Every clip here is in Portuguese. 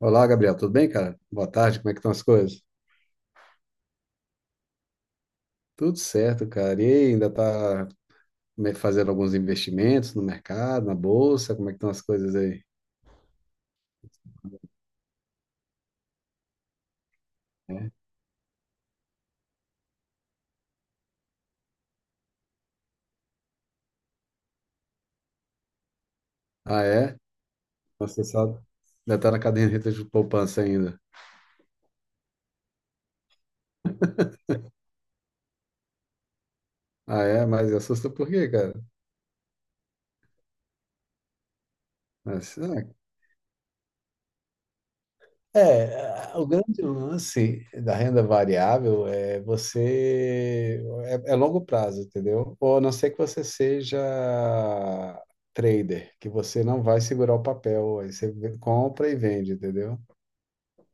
Olá, Gabriel, tudo bem, cara? Boa tarde, como é que estão as coisas? Tudo certo, cara. E aí, ainda tá fazendo alguns investimentos no mercado, na bolsa, como é que estão as coisas aí? É. Ah, é? Nossa, você sabe? Ainda tá na caderneta de poupança ainda. Ah, é? Mas assusta por quê, cara? Mas, é, o grande lance da renda variável é você. É, é longo prazo, entendeu? Ou a não ser que você seja trader, que você não vai segurar o papel, aí você compra e vende, entendeu?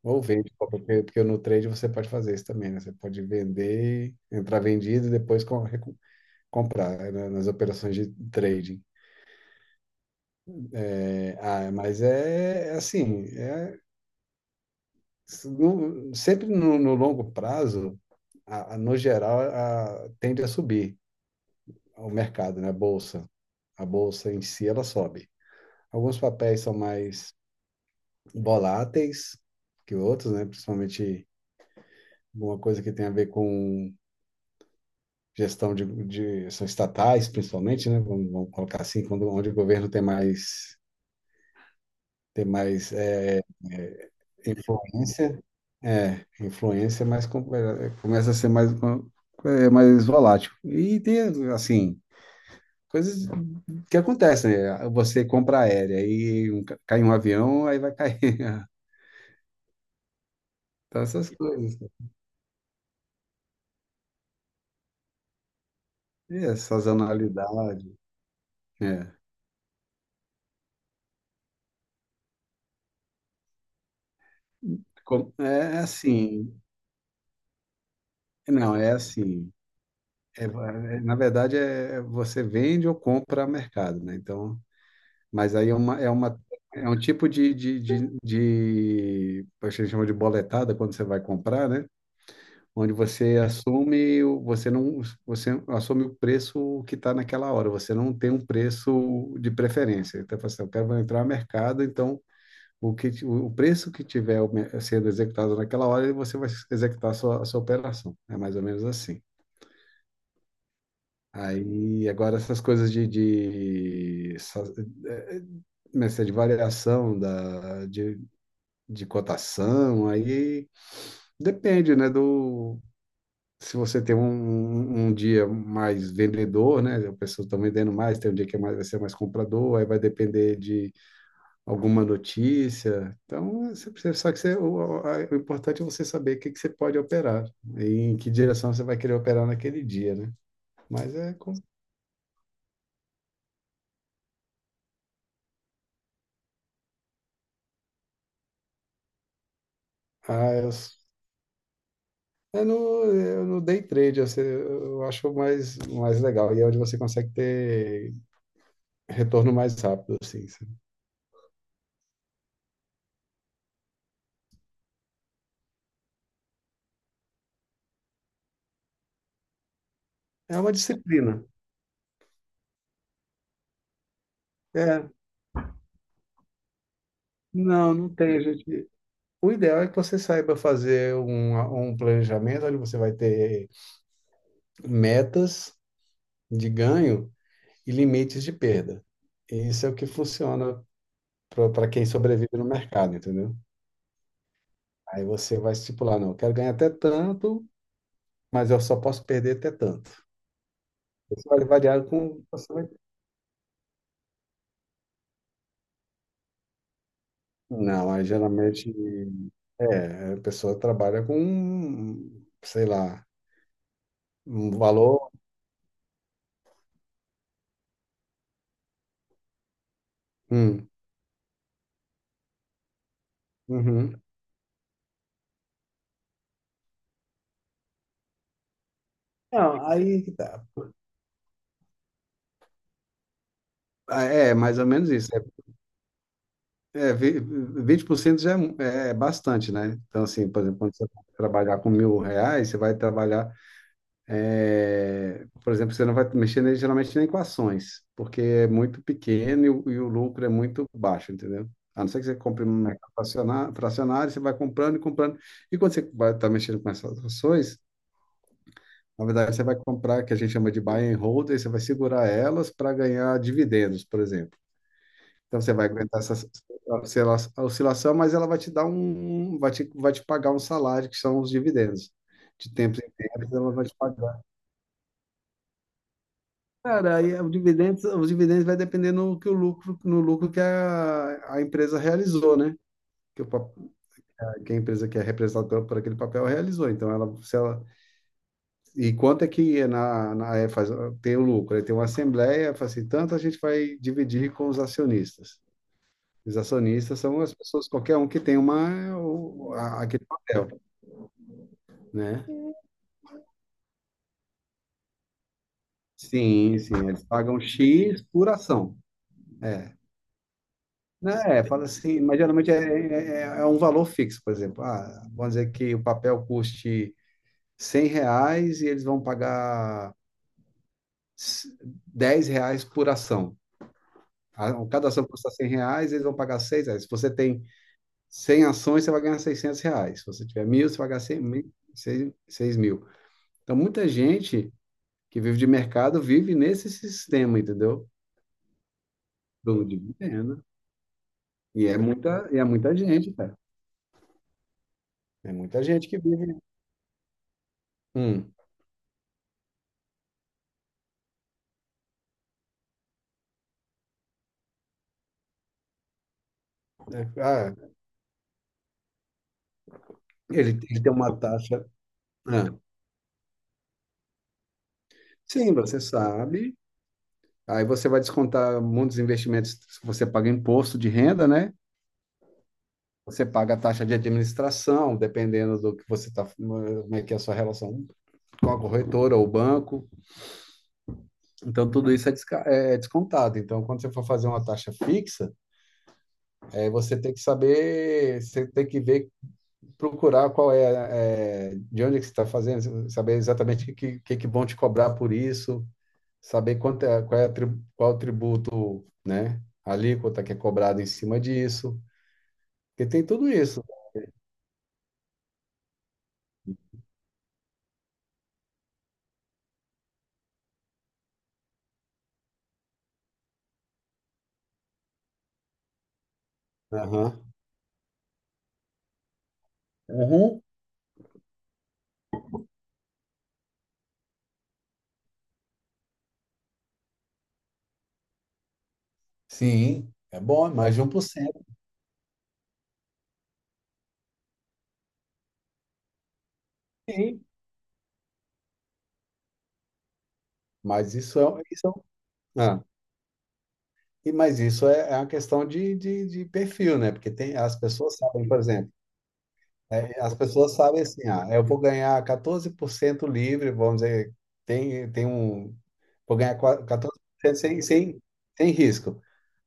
Ou vende, porque no trade você pode fazer isso também, né? Você pode vender, entrar vendido e depois comprar, né? Nas operações de trading. É, mas é, é assim. Sempre no longo prazo. No geral, tende a subir o mercado, né? A bolsa. A bolsa em si, ela sobe. Alguns papéis são mais voláteis que outros, né? Principalmente alguma coisa que tem a ver com gestão de são estatais, principalmente, né? Vamos colocar assim, quando, onde o governo tem mais é, influência. É, influência, mas começa a ser mais, mais volátil. E tem, assim, coisas. O que acontece, né? Você compra aérea e um, cai um avião, aí vai cair. Então, essas coisas. É, sazonalidade. É. É assim. Não, é assim. Na verdade, você vende ou compra a mercado, né? Então, mas aí é um tipo de a gente chama de boletada quando você vai comprar, né? Onde você assume, o- você não, você assume o preço que está naquela hora, você não tem um preço de preferência. Então, você fala assim, eu quero entrar no mercado, então o preço que tiver sendo executado naquela hora, você vai executar a sua operação. É mais ou menos assim. Aí, agora essas coisas de, eh, né, essa de variação de cotação, aí depende, né, do, se você tem um, um dia mais vendedor, né? As pessoas estão vendendo mais, tem um dia que é mais, vai ser mais comprador, aí vai depender de alguma notícia. Então, você precisa, só que o importante é você saber o que, que você pode operar e em que direção você vai querer operar naquele dia, né? Mas é com... Ah, eu, É no, é no day trade, eu acho mais legal. E é onde você consegue ter retorno mais rápido, assim, sabe? É uma disciplina. É, não, não tem, gente. O ideal é que você saiba fazer um planejamento onde você vai ter metas de ganho e limites de perda. Isso é o que funciona para quem sobrevive no mercado, entendeu? Aí você vai estipular, não, eu quero ganhar até tanto, mas eu só posso perder até tanto. Isso vai variar com você vai- Não, aí geralmente a pessoa trabalha com, sei lá, um valor. Hum, uhum. Não, aí tá. Ah, é, mais ou menos isso. É, 20% já é, é bastante, né? Então, assim, por exemplo, quando você vai trabalhar com R$ 1.000, você vai trabalhar, por exemplo, você não vai mexer geralmente nem com ações, porque é muito pequeno e o lucro é muito baixo, entendeu? A não ser que você compre um mercado fracionário, você vai comprando e comprando. E quando você vai estar mexendo com essas ações, na verdade, você vai comprar, que a gente chama de buy and hold, e você vai segurar elas para ganhar dividendos, por exemplo. Então você vai aguentar essa oscilação, mas ela vai te dar um, vai te pagar um salário, que são os dividendos. De tempos em tempos ela vai te pagar. Cara, aí os dividendos vai depender no que o lucro, no lucro que a empresa realizou, né? Que, o, pap- que a empresa que é representada por aquele papel realizou. Então ela, se ela, e quanto é que é na é, faz, tem o lucro? Aí tem uma assembleia, fala assim, tanto a gente vai dividir com os acionistas. Os acionistas são as pessoas, qualquer um que tem uma, aquele papel, né? Sim, sim, eles pagam X por ação. É. Né, fala assim, mas geralmente é um valor fixo, por exemplo. Ah, vamos dizer que o papel custe R$ 100 e eles vão pagar s- R$ 10 por ação. Cada ação custa R$ 100, eles vão pagar seis reais. Se você tem 100 ações, você vai ganhar R$ 600. Se você tiver mil, você vai ganhar 100 mil, seis 6, mil. Então, muita gente que vive de mercado vive nesse sistema, entendeu? De venda. E é muita gente, cara. É muita gente que vive. Hum. É, ah, ele tem uma taxa. Ah, sim, você sabe. Aí você vai descontar muitos investimentos. Você paga imposto de renda, né? Você paga a taxa de administração, dependendo do que você está, como é que é a sua relação com a corretora ou banco. Então, tudo isso é descontado. Então, quando você for fazer uma taxa fixa, aí você tem que saber, você tem que ver, procurar qual é, é, de onde é que você está fazendo, saber exatamente o que, que vão te cobrar por isso, saber quanto é, qual é a qual é o tributo, né, a alíquota que é cobrada em cima disso, porque tem tudo isso. Aham. Uhum. Sim, é bom, é mais de 1%. Sim. Mas isso é, um, isso é um- ah, e mas isso é, é uma questão de perfil, né? Porque tem, as pessoas sabem, por exemplo, é, as pessoas sabem assim, eu vou ganhar 14% livre, vamos dizer, tem, tem um, vou ganhar 14% sem, sem, sem risco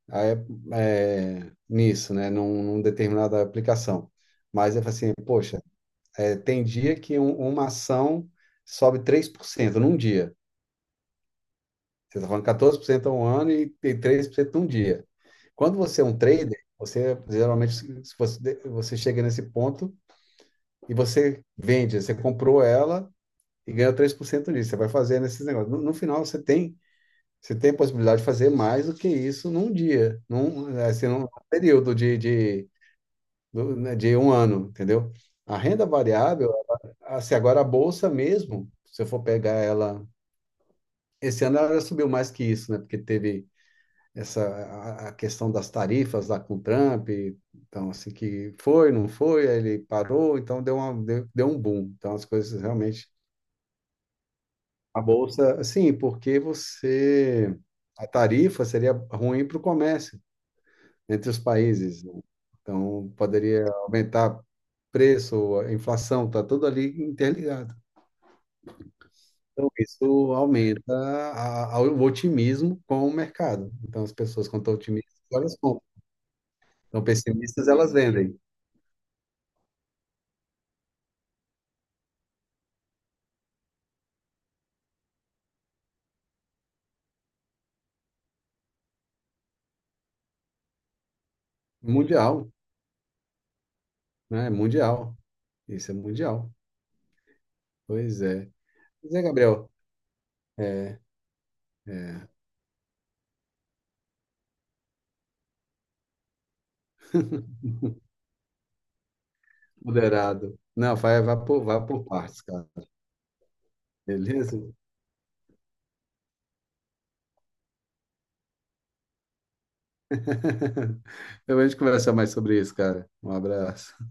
aí, é, nisso, né, num determinada aplicação. Mas eu falo assim, poxa, tem dia que uma ação sobe 3% num dia. Você está falando 14% a um ano e 3% num dia. Quando você é um trader, você geralmente se se você, você chega nesse ponto e você vende, você comprou ela e ganha 3% nisso. Você vai fazer nesses negócios. No final, você tem a possibilidade de fazer mais do que isso num dia, num período de, né, de um ano, entendeu? A renda variável, assim, agora a bolsa mesmo, se eu for pegar ela, esse ano ela subiu mais que isso, né? Porque teve essa a questão das tarifas lá com o Trump, então assim que foi, não foi, aí ele parou, então deu uma, deu, deu um boom. Então as coisas realmente. A bolsa, sim, porque você. A tarifa seria ruim para o comércio entre os países, né? Então, poderia aumentar preço, a inflação, está tudo ali interligado. Então, isso aumenta o otimismo com o mercado. Então, as pessoas, quando estão otimistas, elas compram. Então, pessimistas, elas vendem. Mundial, né? Mundial. Isso é mundial. Pois é. Pois é, Gabriel. É, é. Moderado. Não, vai por partes, cara. Beleza? Depois a gente conversa mais sobre isso, cara. Um abraço.